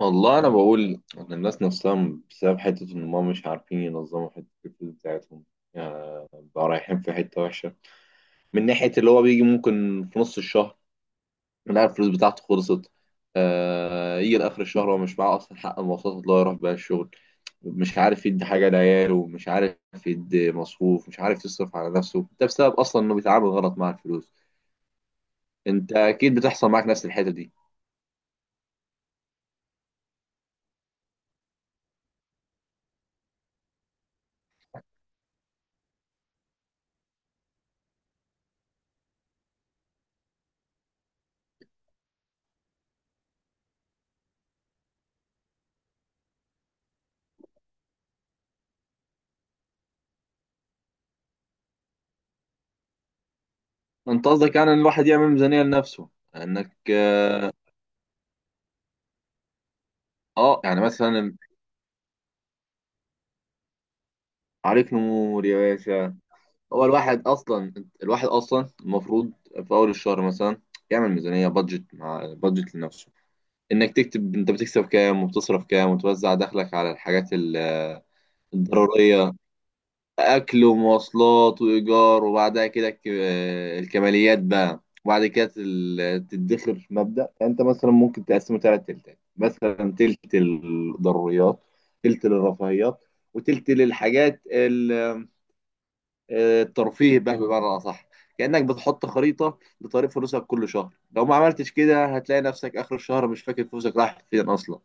والله انا بقول ان الناس نفسها بسبب حته ان هم مش عارفين ينظموا حته الفلوس بتاعتهم، يعني بقى رايحين في حته وحشه. من ناحيه اللي هو بيجي ممكن في نص الشهر يلاقي الفلوس بتاعته خلصت. يجي لاخر الشهر هو مش معاه اصلا حق المواصلات اللي هو يروح بيها الشغل، مش عارف يدي حاجه لعياله، مش عارف يدي مصروف، مش عارف يصرف على نفسه. ده بسبب اصلا انه بيتعامل غلط مع الفلوس. انت اكيد بتحصل معاك نفس الحته دي. انت قصدك يعني ان الواحد يعمل ميزانيه لنفسه، انك اه يعني مثلا. عليك نور يا باشا. هو الواحد اصلا الواحد اصلا المفروض في اول الشهر مثلا يعمل ميزانيه بادجت مع بادجت لنفسه، انك تكتب انت بتكسب كام وبتصرف كام وتوزع دخلك على الحاجات الضروريه: اكل ومواصلات وايجار، وبعدها كده الكماليات بقى. وبعد كده تدخر. في مبدا انت مثلا ممكن تقسمه ثلاث تلتات، مثلا تلت الضروريات، تلت للرفاهيات، وتلت للحاجات الترفيه بقى بمعنى اصح. كانك بتحط خريطه لطريق فلوسك كل شهر. لو ما عملتش كده هتلاقي نفسك اخر الشهر مش فاكر فلوسك راحت فين اصلا.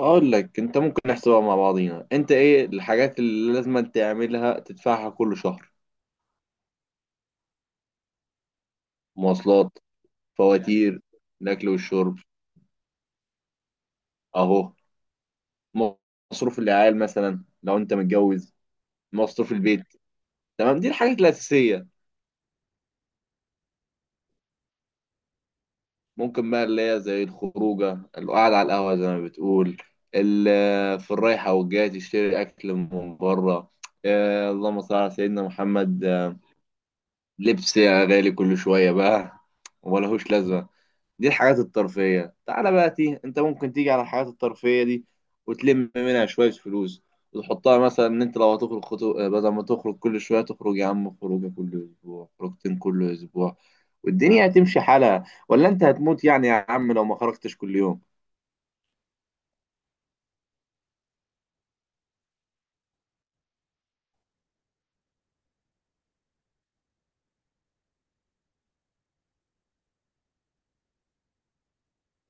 اقول لك، انت ممكن نحسبها مع بعضينا. انت ايه الحاجات اللي لازم تعملها تدفعها كل شهر؟ مواصلات، فواتير، الاكل والشرب، اهو. مصروف العيال مثلا لو انت متجوز، مصروف البيت. تمام، دي الحاجات الاساسيه. ممكن بقى اللي هي زي الخروجة، القعدة على القهوة زي ما بتقول، في الرايحة والجاية تشتري أكل من بره. اللهم صل على سيدنا محمد. لبس يا غالي كل شوية بقى وملهوش لازمة. دي الحاجات الترفيهية. تعالى بقى تي انت ممكن تيجي على الحاجات الترفيهية دي وتلم منها شوية فلوس وتحطها. مثلا ان انت لو هتخرج بدل ما تخرج كل شوية تخرج يا عم خروجة كل اسبوع، خروجتين كل اسبوع، والدنيا هتمشي حالها. ولا انت هتموت يعني يا عم لو ما خرجتش كل يوم؟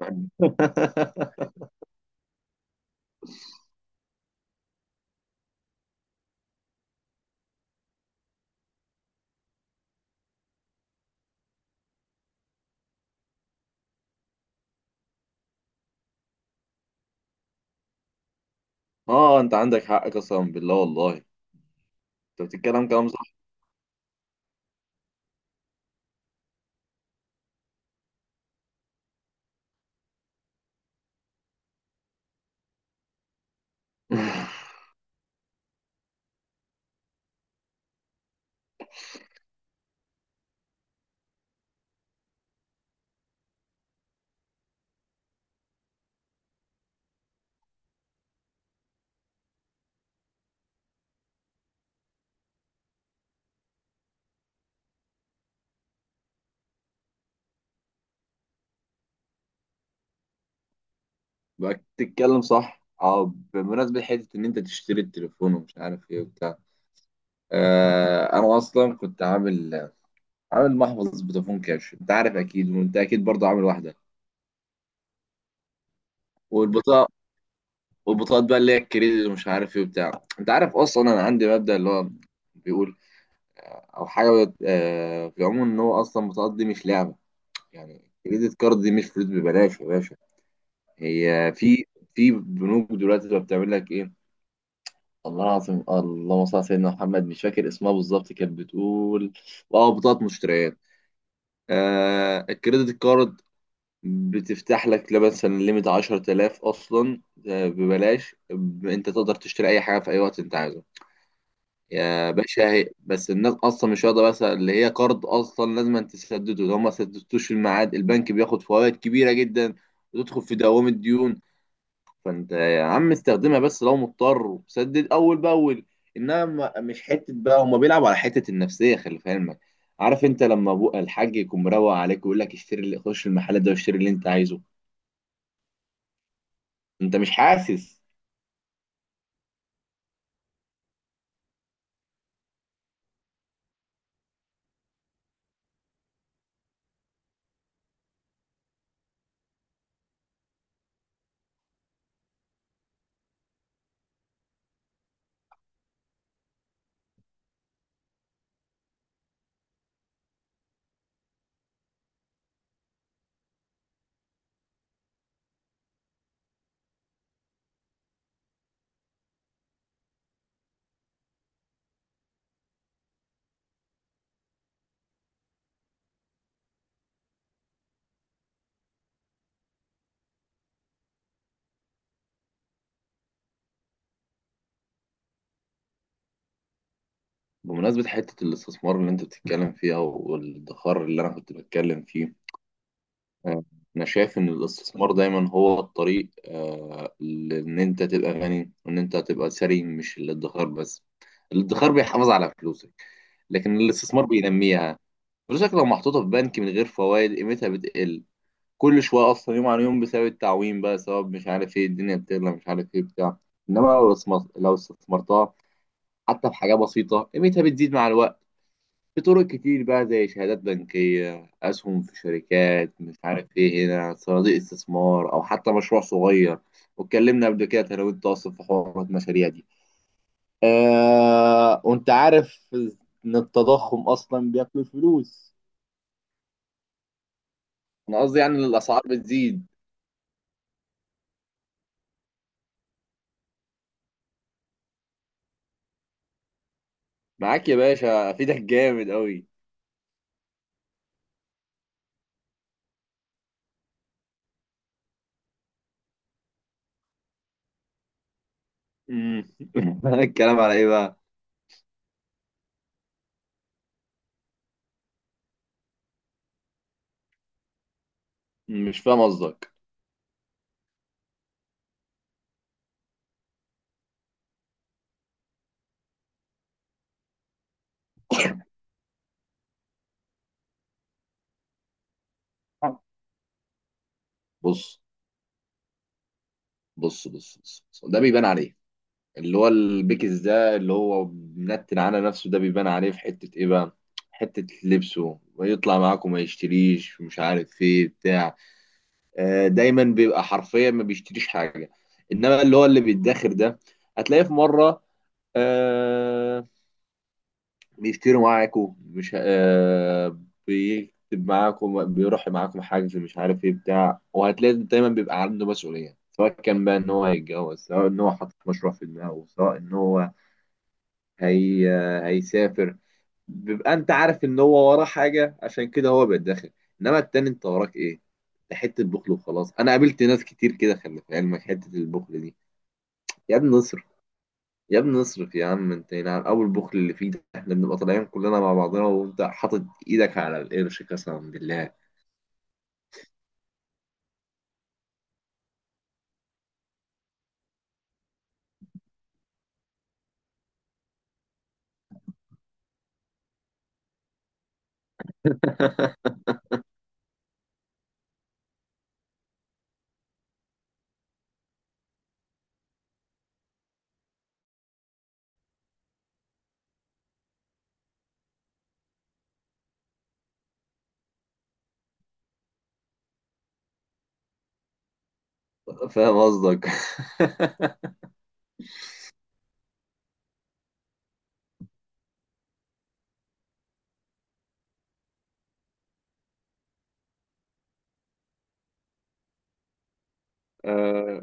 اه انت عندك حق، قسما بالله. والله انت بتتكلم كلام صح. بقى بتتكلم صح. اه، بمناسبة حتة ان انت تشتري التليفون ومش عارف ايه وبتاع، انا اصلا كنت عامل محفظ فودافون كاش. انت عارف اكيد، وانت اكيد برضه عامل واحده. والبطاقه والبطاقات بقى اللي هي الكريدت ومش عارف ايه وبتاع. انت عارف اصلا انا عندي مبدأ اللي هو بيقول، او حاجه في العموم، ان هو اصلا البطاقات دي مش لعبه. يعني الكريدت كارد دي مش فلوس ببلاش يا باشا. هي في في بنوك دلوقتي بقى بتعمل لك ايه؟ الله العظيم، اللهم صل على سيدنا محمد، مش فاكر اسمها بالظبط. كانت بتقول اه بطاقه مشتريات. الكريدت كارد، بتفتح لك لا مثلا ليميت 10000 أصلا. ببلاش أنت تقدر تشتري أي حاجة في أي وقت أنت عايزه يا باشا. هي بس الناس أصلا مش واخدة بس اللي هي قرض أصلا لازم أن تسدده. لو ما سددتوش في الميعاد البنك بياخد فوائد كبيرة جدا، وتدخل في دوامة ديون. فأنت يا عم استخدمها بس لو مضطر، وسدد أول بأول. إنما مش حتة بقى. هما بيلعبوا على حتة النفسية، خلي في علمك. عارف أنت لما أبو الحاج يكون مروق عليك ويقول لك اشتري، اللي خش المحل ده واشتري اللي أنت عايزه، انت مش حاسس؟ بمناسبة حتة الاستثمار اللي انت بتتكلم فيها والادخار اللي انا كنت بتكلم فيه، آه، انا شايف ان الاستثمار دايما هو الطريق، لان انت تبقى غني وان انت تبقى ثري، مش الادخار بس. الادخار بيحافظ على فلوسك، لكن الاستثمار بينميها. فلوسك لو محطوطة في بنك من غير فوائد قيمتها بتقل كل شوية، اصلا يوم عن يوم، بسبب التعويم بقى، سبب مش عارف ايه الدنيا بتغلى مش عارف ايه بتاع. انما لو لو استثمرتها حتى بحاجة بسيطة قيمتها بتزيد مع الوقت. في طرق كتير بقى زي شهادات بنكية، أسهم في شركات مش عارف إيه هنا، صناديق استثمار، أو حتى مشروع صغير. واتكلمنا قبل كده أنا وأنت أصلا في حوار المشاريع دي. وأنت عارف إن التضخم أصلا بياكل الفلوس. أنا قصدي يعني إن الأسعار بتزيد. معاك يا باشا، أفيدك جامد أوي. أمم. الكلام على إيه بقى؟ مش فاهم قصدك. بص بص بص بص، ده بيبان عليك. اللي هو البيكس ده، اللي هو منتن على نفسه، ده بيبان عليه في حتة ايه بقى؟ حتة لبسه، ويطلع معاكم ما يشتريش مش عارف ايه بتاع. دايما بيبقى حرفيا ما بيشتريش حاجة. انما اللي هو اللي بيتداخر ده، هتلاقيه في مرة آه بيشتري معاكم. مش بيكتب معاكم، بيروح معاكم حاجز مش عارف ايه بتاع. وهتلاقي دايما بيبقى عنده مسؤولية، سواء كان بقى ان هو يتجوز، سواء ان هو حاطط مشروع في دماغه، سواء ان هو هي هيسافر. بيبقى انت عارف ان هو وراه حاجه عشان كده هو بيتدخل. انما التاني انت وراك ايه؟ ده حته بخل وخلاص. انا قابلت ناس كتير كده خلي في علمك حته البخل دي. يا ابني اصرف، يا ابني اصرف يا عم. انت نعم اول بخل اللي فيه ده، احنا بنبقى طالعين كلنا مع بعضنا وانت حاطط ايدك على القرش، قسما بالله. فاهم قصدك. آه،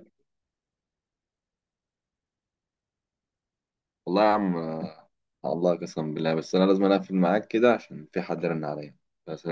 والله يا عم، الله، قسما بالله. بس انا لازم اقفل معاك كده عشان في حد رن عليا. بس